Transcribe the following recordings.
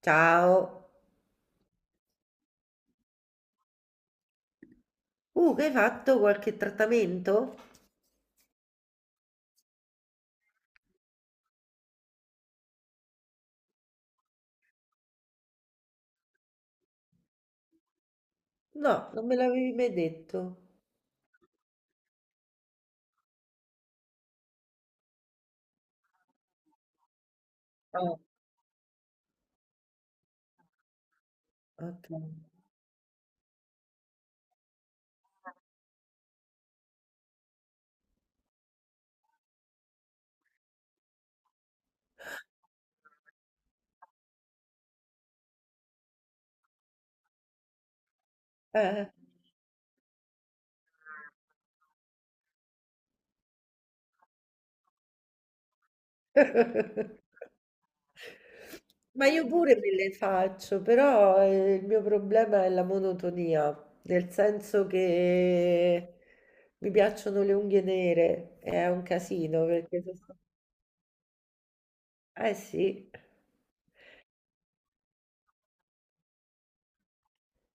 Ciao. Che hai fatto qualche trattamento? No, non me l'avevi mai detto. Ah, ok. Eh. Ma io pure me le faccio, però il mio problema è la monotonia, nel senso che mi piacciono le unghie nere, è un casino perché sono. Eh sì.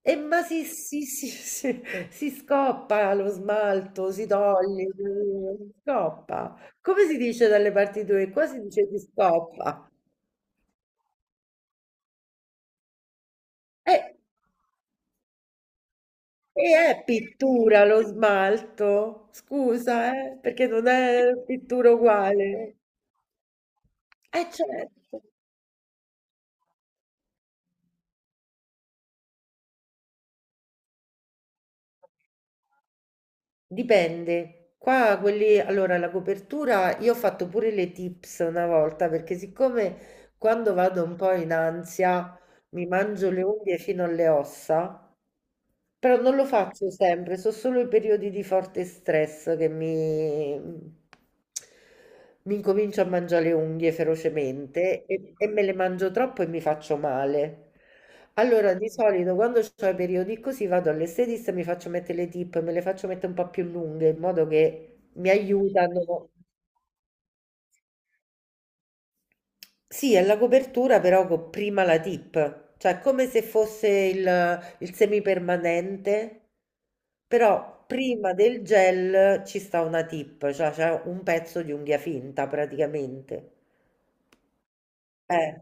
E ma si scoppa lo smalto, si toglie, si scoppa. Come si dice dalle parti tue? Qua si dice si scoppa. E, e è pittura lo smalto? Scusa, perché non è pittura uguale. Eh certo, dipende. Qua quelli, allora la copertura, io ho fatto pure le tips una volta, perché siccome quando vado un po' in ansia mi mangio le unghie fino alle ossa. Però non lo faccio sempre, sono solo i periodi di forte stress che mi incomincio a mangiare le unghie ferocemente e me le mangio troppo e mi faccio male. Allora, di solito quando ho i periodi così vado all'estetista e mi faccio mettere le tip, me le faccio mettere un po' più lunghe in modo che mi aiutano. Sì, è la copertura però con prima la tip, cioè come se fosse il semipermanente, però prima del gel ci sta una tip, cioè c'è un pezzo di unghia finta praticamente. Eh,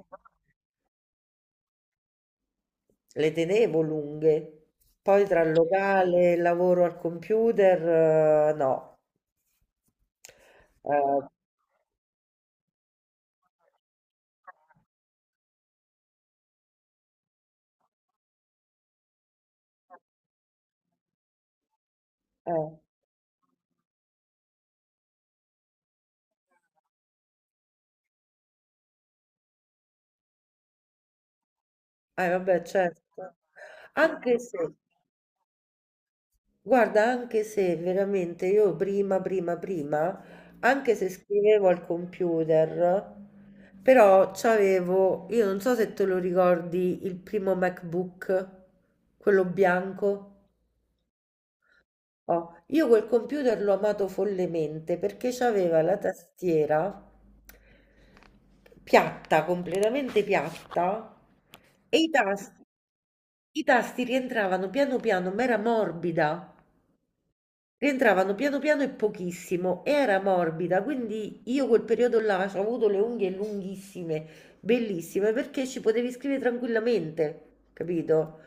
le tenevo lunghe, poi tra il locale e il lavoro al computer, no. Eh, eh, vabbè, certo. Anche se, guarda, anche se veramente io prima, prima, prima, anche se scrivevo al computer, però c'avevo, io non so se te lo ricordi, il primo MacBook, quello bianco. Oh, io quel computer l'ho amato follemente perché c'aveva la tastiera piatta, completamente piatta, e i tasti rientravano piano piano, ma era morbida. Rientravano piano piano e pochissimo, e era morbida, quindi io quel periodo là ho avuto le unghie lunghissime, bellissime, perché ci potevi scrivere tranquillamente, capito?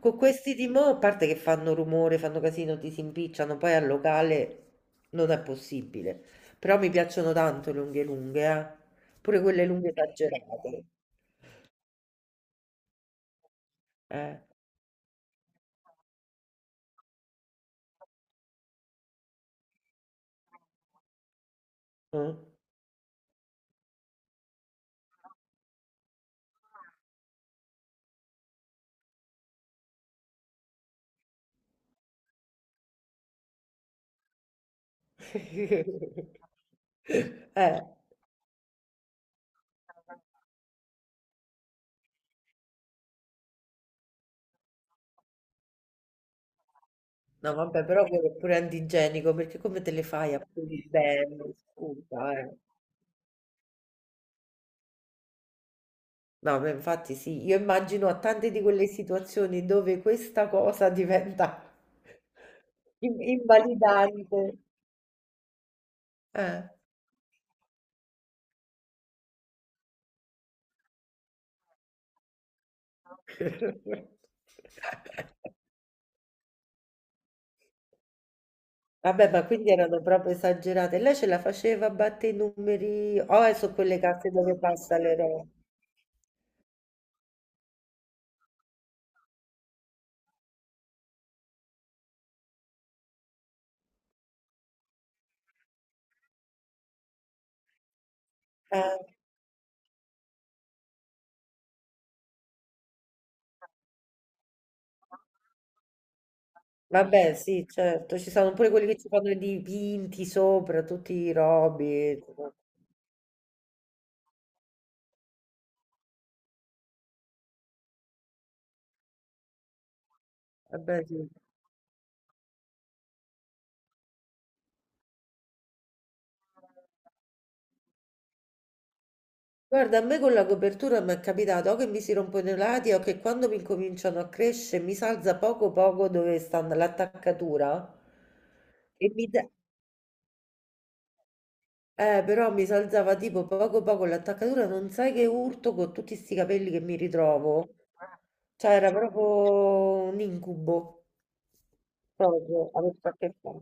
Con questi di mo', a parte che fanno rumore, fanno casino, ti si impicciano, poi al locale non è possibile. Però mi piacciono tanto le unghie lunghe, eh. Pure quelle lunghe esagerate. Eh. Mm. Eh. No, vabbè, però quello è pure antigenico, perché come te le fai a pulire bene? Scusa, eh. No, ma infatti sì, io immagino a tante di quelle situazioni dove questa cosa diventa invalidante. Eh. Vabbè, ma quindi erano proprio esagerate. Lei ce la faceva a battere i numeri, o è su quelle casse dove passa le robe? Vabbè, sì, certo, ci sono pure quelli che ci fanno i dipinti sopra, tutti i robi, tipo. Vabbè, sì. Guarda, a me con la copertura mi è capitato o che mi si rompono i lati o che quando mi cominciano a crescere mi salza poco poco dove sta l'attaccatura e mi dà. Però mi salzava tipo poco poco l'attaccatura, non sai che urto con tutti sti capelli che mi ritrovo. Cioè, era proprio un incubo, proprio, avevo a che fare.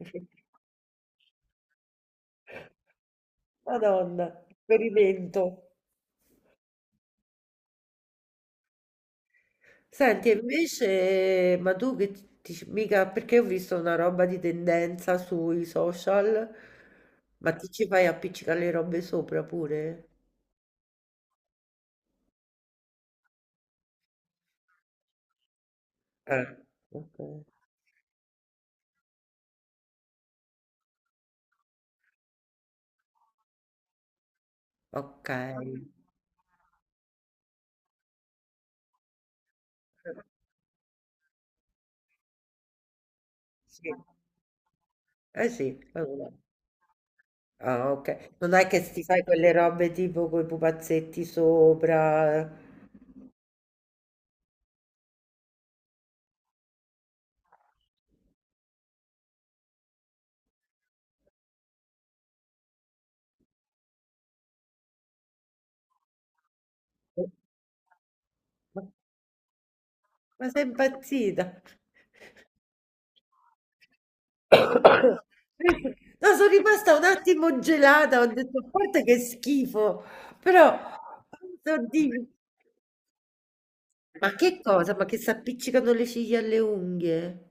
Madonna, esperimento. Senti, e invece, ma tu che mica, perché ho visto una roba di tendenza sui social, ma ti ci fai appiccicare le robe sopra pure? Eh, okay, okay. Eh, sì, eh sì, è una ah okay. Non è che s ti fai quelle robe tipo coi pupazzetti sopra. Eh, ma ma sei impazzita? No, son rimasta un attimo gelata, ho detto: "A parte che schifo", però oddio, ma che cosa? Ma che s'appiccicano le ciglia alle unghie?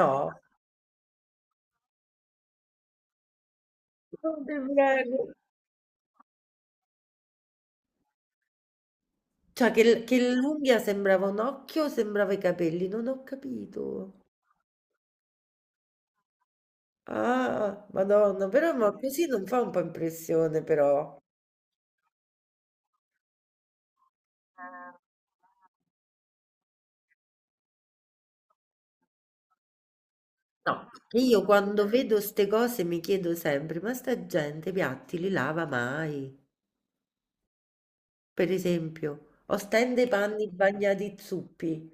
No, non ti prego. Cioè che l'unghia sembrava un occhio, sembrava i capelli, non ho capito. Ah, Madonna, però ma così non fa un po' impressione però. No. Che io quando vedo ste cose mi chiedo sempre, ma sta gente i piatti li lava mai? Per esempio, o stende i panni bagnati zuppi.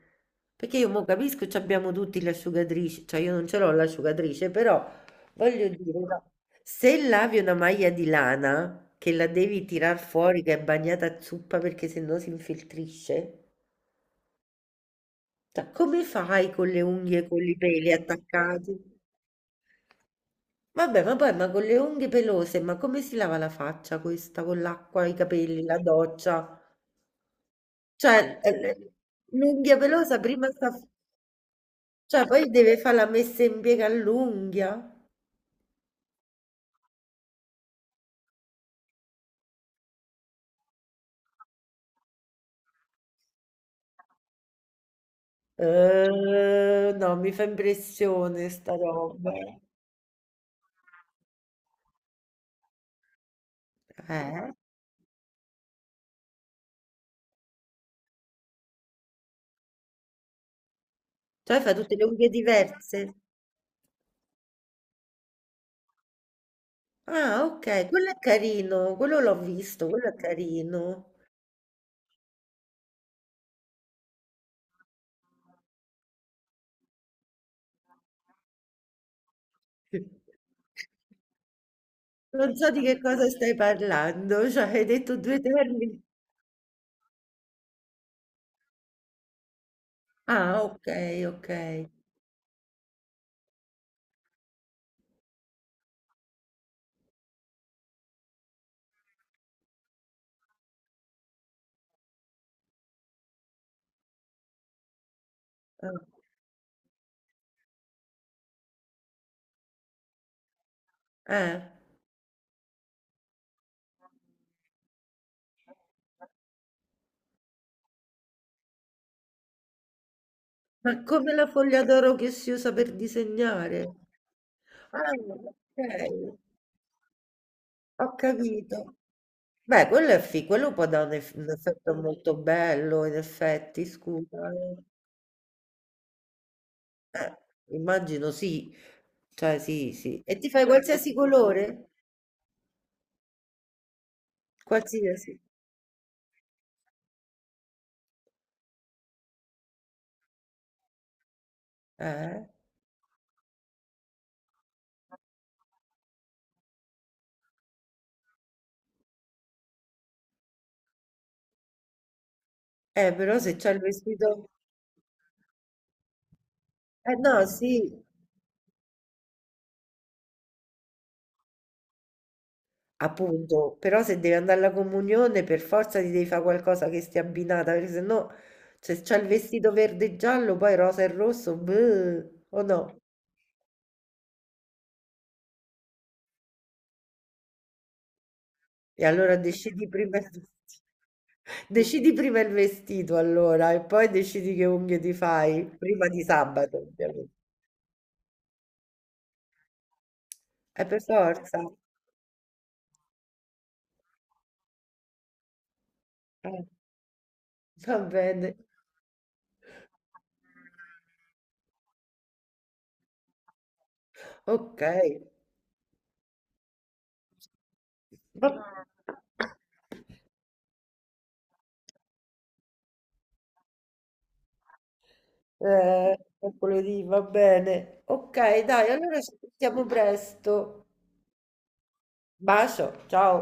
Perché io mo capisco, ci abbiamo tutti l'asciugatrice, cioè io non ce l'ho l'asciugatrice, però voglio dire, no, se lavi una maglia di lana che la devi tirar fuori che è bagnata a zuppa perché sennò si infiltrisce, cioè come fai con le unghie e con i peli attaccati? Vabbè, ma poi ma con le unghie pelose, ma come si lava la faccia questa con l'acqua, i capelli, la doccia? Cioè, l'unghia pelosa prima sta. Cioè, poi deve fare la messa in piega all'unghia. No, mi fa impressione sta roba. Eh? Cioè, fa tutte le unghie diverse. Ah, ok, quello è carino, quello l'ho visto, quello è carino. Non so di che cosa stai parlando, cioè hai detto due termini. Ah, ok, ok. Ah, eh. Ma come la foglia d'oro che si usa per disegnare? Ah, okay, ho capito. Beh, quello è fi quello può dare un effetto molto bello, in effetti, scusa, eh. Immagino sì, cioè sì, sì. E ti fai qualsiasi colore? Qualsiasi? Eh? Però se c'hai il vestito eh no, sì, appunto, però se devi andare alla comunione per forza ti devi fa' qualcosa che stia abbinata, perché sennò se c'hai il vestito verde e giallo, poi rosa e rosso, beh, o no? E allora decidi prima il vestito. Decidi prima il vestito allora e poi decidi che unghie ti fai, prima di sabato, ovviamente. Per forza. Eh, va bene. Ok. Va- mercoledì, va bene. Ok, dai, allora ci sentiamo presto. Bacio, ciao.